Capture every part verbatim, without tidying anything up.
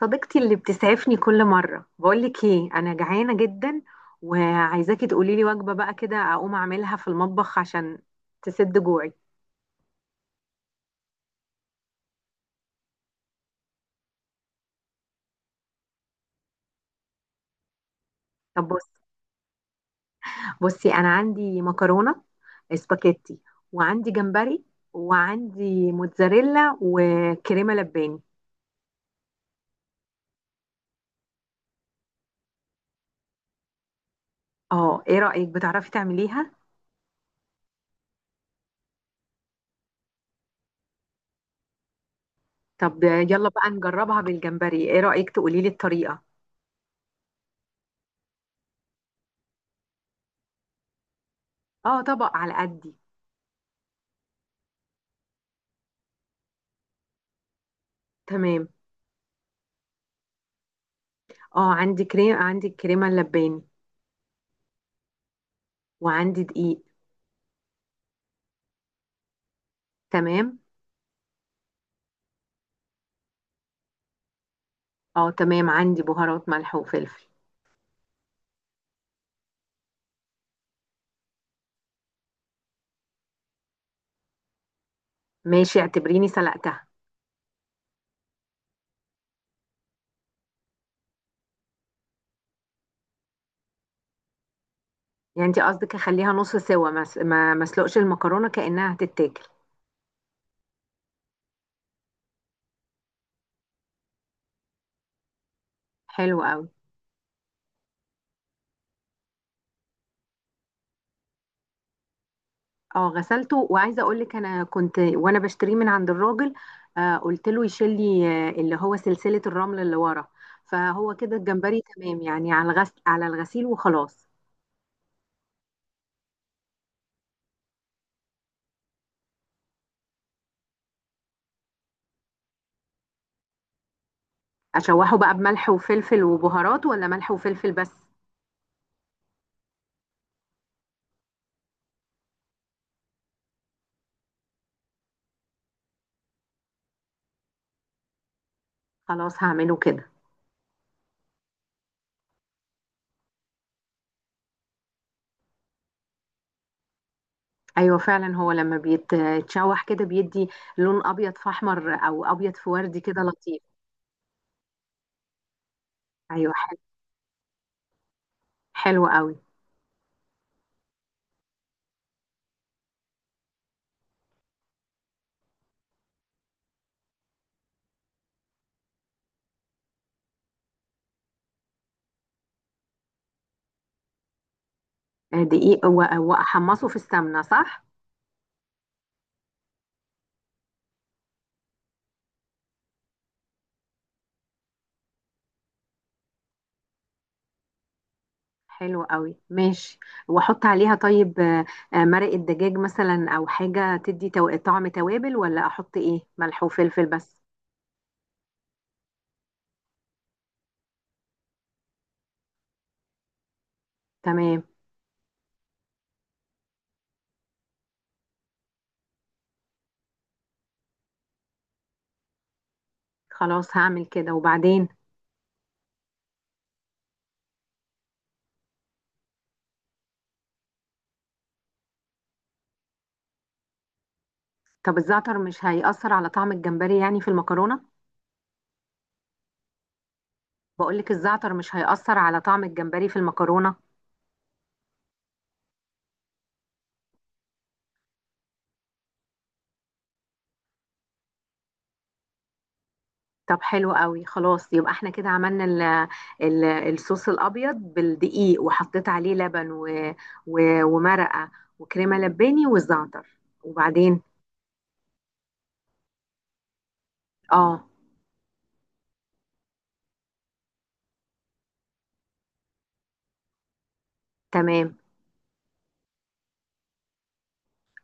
صديقتي اللي بتسعفني كل مرة، بقولك ايه، انا جعانة جدا وعايزاكي تقولي لي وجبة بقى كده اقوم اعملها في المطبخ عشان تسد جوعي. طب بص بصي انا عندي مكرونة سباكيتي، وعندي جمبري، وعندي موتزاريلا وكريمة لباني. اه، ايه رأيك؟ بتعرفي تعمليها؟ طب يلا بقى نجربها بالجمبري، ايه رأيك؟ تقولي لي الطريقة. اه، طبق على قدي. تمام. اه، عندي كريم، عندي الكريمة اللباني، وعندي دقيق. تمام. اه تمام، عندي بهارات ملح وفلفل. ماشي، اعتبريني سلقتها. يعني انت قصدك اخليها نص سوا، ما س- ما ما اسلقش المكرونه كانها هتتاكل. حلو قوي. اه غسلته، وعايزه اقول لك، انا كنت وانا بشتريه من عند الراجل، آه قلت له يشيل لي، آه اللي هو سلسله الرمل اللي ورا، فهو كده الجمبري تمام، يعني على الغسل على الغسيل وخلاص. اشوحه بقى بملح وفلفل وبهارات، ولا ملح وفلفل بس؟ خلاص هعمله كده. ايوه، فعلا هو لما بيتشوح كده بيدي لون ابيض في احمر، او ابيض في وردي، كده لطيف. ايوه، حلو، حلو قوي. آه، دقيق و- واحمصه في السمنه، صح؟ حلو قوي، ماشي. واحط عليها طيب آه، آه، مرق الدجاج مثلا، او حاجه تدي تو- طعم توابل، ولا احط ايه، ملح وفلفل بس؟ تمام، خلاص هعمل كده وبعدين. طب الزعتر مش هيأثر على طعم الجمبري يعني في المكرونه؟ بقولك الزعتر مش هيأثر على طعم الجمبري في المكرونه؟ طب حلو قوي، خلاص. يبقى احنا كده عملنا ال ال الصوص الابيض بالدقيق، وحطيت عليه لبن، و و ومرقه، وكريمه لباني، والزعتر. وبعدين؟ اه تمام،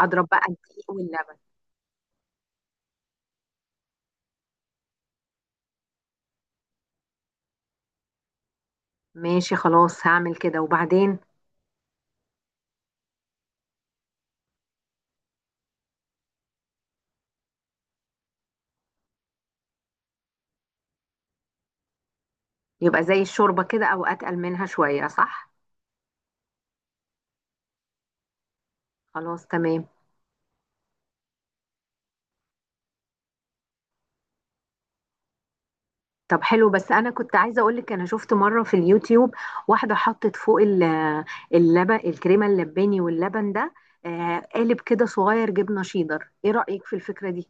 اضرب بقى الدقيق واللبن. ماشي خلاص هعمل كده وبعدين. يبقى زي الشوربه كده، او اتقل منها شويه، صح؟ خلاص تمام. طب حلو، بس انا كنت عايزه اقول لك، انا شفت مره في اليوتيوب واحده حطت فوق ال- اللبن، الكريمه اللباني واللبن ده، آه، قالب كده صغير جبنه شيدر. ايه رايك في الفكره دي؟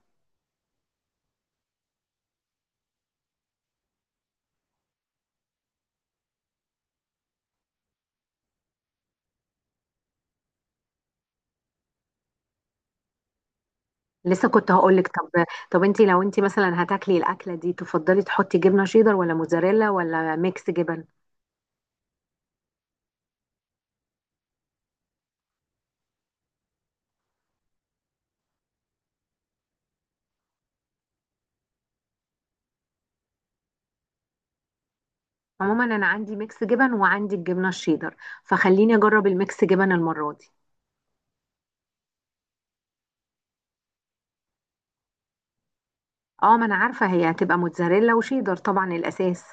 لسه كنت هقول لك، طب. طب انت لو انت مثلا هتاكلي الاكله دي تفضلي تحطي جبنه شيدر، ولا موزاريلا، ولا ميكس جبن؟ عموما انا عندي ميكس جبن، وعندي الجبنه الشيدر، فخليني اجرب الميكس جبن المره دي. اه، ما انا عارفه هي هتبقى موتزاريلا وشيدر، طبعا الاساس.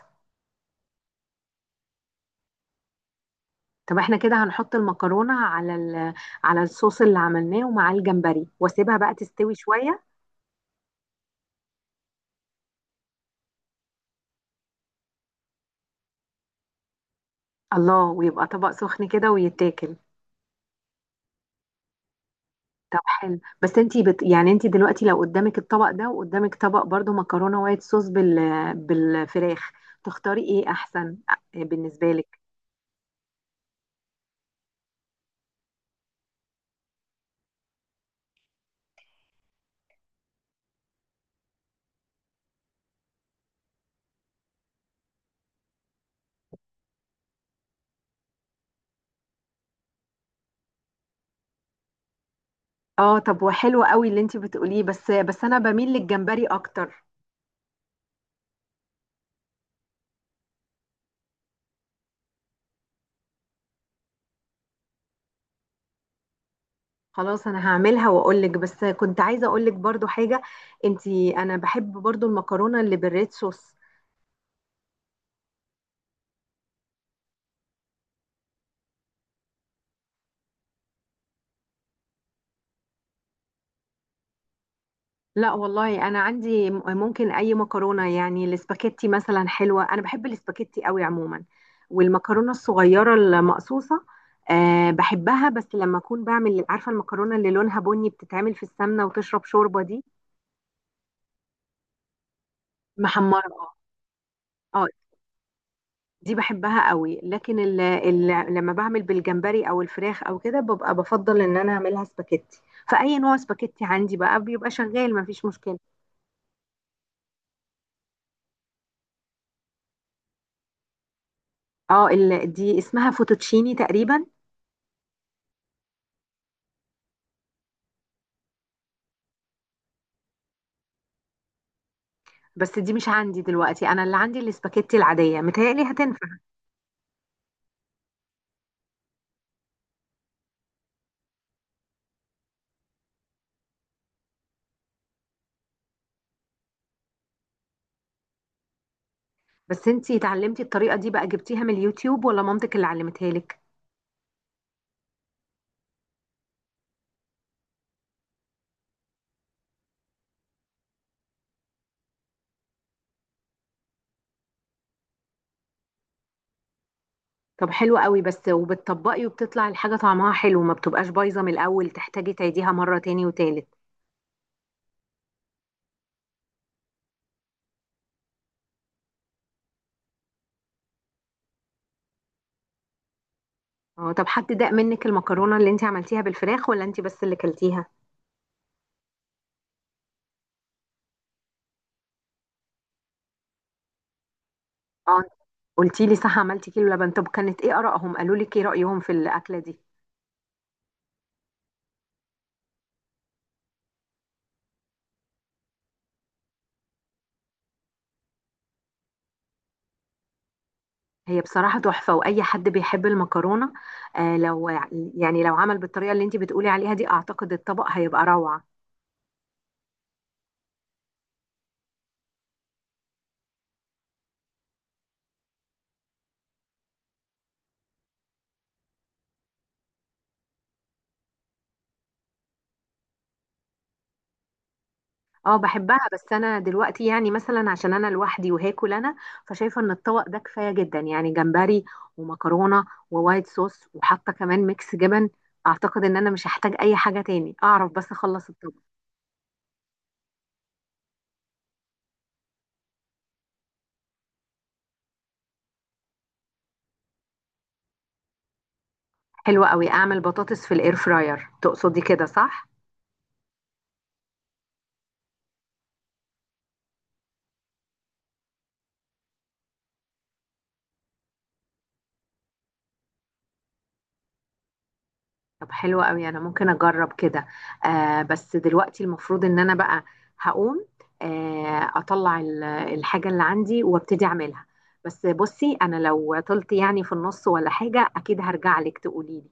طب احنا كده هنحط المكرونة على ال... على الصوص اللي عملناه، ومعاه الجمبري، واسيبها بقى تستوي شوية. الله، ويبقى طبق سخن كده ويتاكل. طب حلو، بس انتي بت... يعني انتي دلوقتي لو قدامك الطبق ده، وقدامك طبق برضو مكرونة وايت صوص بال... بالفراخ، تختاري ايه احسن بالنسبة لك؟ اه، طب وحلو قوي اللي انتي بتقوليه، بس بس انا بميل للجمبري اكتر. خلاص، انا هعملها واقول لك. بس كنت عايزة اقول لك برضو حاجة، انتي، انا بحب برضو المكرونة اللي بالريد صوص. لا والله، انا عندي، م- ممكن اي مكرونه، يعني الاسباجيتي مثلا حلوه، انا بحب الاسباجيتي قوي عموما، والمكرونه الصغيره المقصوصه. أه بحبها، بس لما اكون بعمل، عارفه، المكرونه اللي لونها بني بتتعمل في السمنه وتشرب شوربه دي. محمره، اه. آه، دي بحبها قوي، لكن ال ال لما بعمل بالجمبري، او الفراخ، او كده، ببقى بفضل ان انا اعملها سباجيتي. فاي نوع سباجيتي عندي بقى بيبقى شغال، مفيش مشكله. اه، ال- دي اسمها فوتوتشيني تقريبا. بس دي مش عندي دلوقتي، انا اللي عندي الاسباجيتي العاديه، متهيألي هتنفع. بس انتي اتعلمتي الطريقه دي بقى جبتيها من اليوتيوب، ولا مامتك اللي علمتها لك؟ طب حلو قوي، بس وبتطبقي وبتطلع الحاجه طعمها حلو؟ ما بتبقاش بايظه من الاول تحتاجي تعيديها مره تاني وتالت؟ اه. طب حد داق منك المكرونه اللي انتي عملتيها بالفراخ، ولا انتي بس اللي كلتيها؟ اه، قلتي لي، صح، عملتي كيلو لبن. طب كانت ايه آرائهم؟ قالوا لك ايه رأيهم في الأكلة دي؟ هي بصراحة تحفة، وأي حد بيحب المكرونة، آه لو يعني لو عمل بالطريقة اللي انتي بتقولي عليها دي أعتقد الطبق هيبقى روعة. اه بحبها، بس أنا دلوقتي يعني مثلا عشان أنا لوحدي وهاكل أنا، فشايفة إن الطبق ده كفاية جدا، يعني جمبري، ومكرونة، ووايت صوص، وحاطة كمان ميكس جبن. أعتقد إن أنا مش هحتاج أي حاجة تاني، أعرف بس أخلص الطبق. حلوة قوي، أعمل بطاطس في الإير فراير تقصدي كده صح؟ طب حلو قوي، انا ممكن اجرب كده. آه بس دلوقتي المفروض ان انا بقى هقوم، آه اطلع ال- الحاجة اللي عندي وابتدي اعملها. بس بصي، انا لو طلت يعني في النص ولا حاجة اكيد هرجع لك تقولي لي.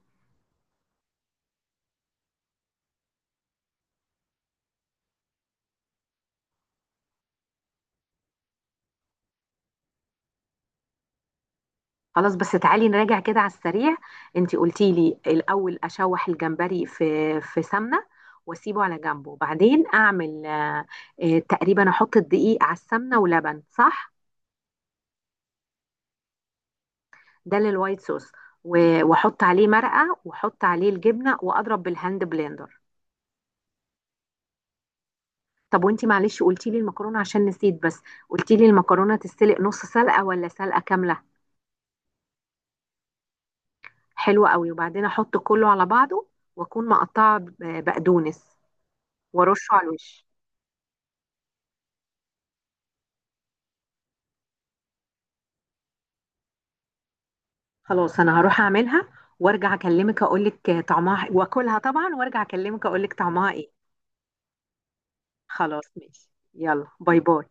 خلاص، بس تعالي نراجع كده على السريع. انتي قلتي لي الاول اشوح الجمبري في في سمنة، واسيبه على جنبه، بعدين اعمل آه آه تقريبا احط الدقيق على السمنة ولبن، صح؟ ده للوايت صوص، و- واحط عليه مرقه، واحط عليه الجبنه، واضرب بالهاند بلندر. طب وانتي معلش قلتي لي المكرونه، عشان نسيت، بس قلتي لي المكرونه تتسلق نص سلقه ولا سلقه كامله؟ حلوه قوي. وبعدين احط كله على بعضه، واكون مقطعه ب- بقدونس وارشه على الوش. خلاص انا هروح اعملها وارجع اكلمك اقول لك طعمها، واكلها طبعا وارجع اكلمك اقول لك طعمها ايه. خلاص ماشي، يلا باي باي.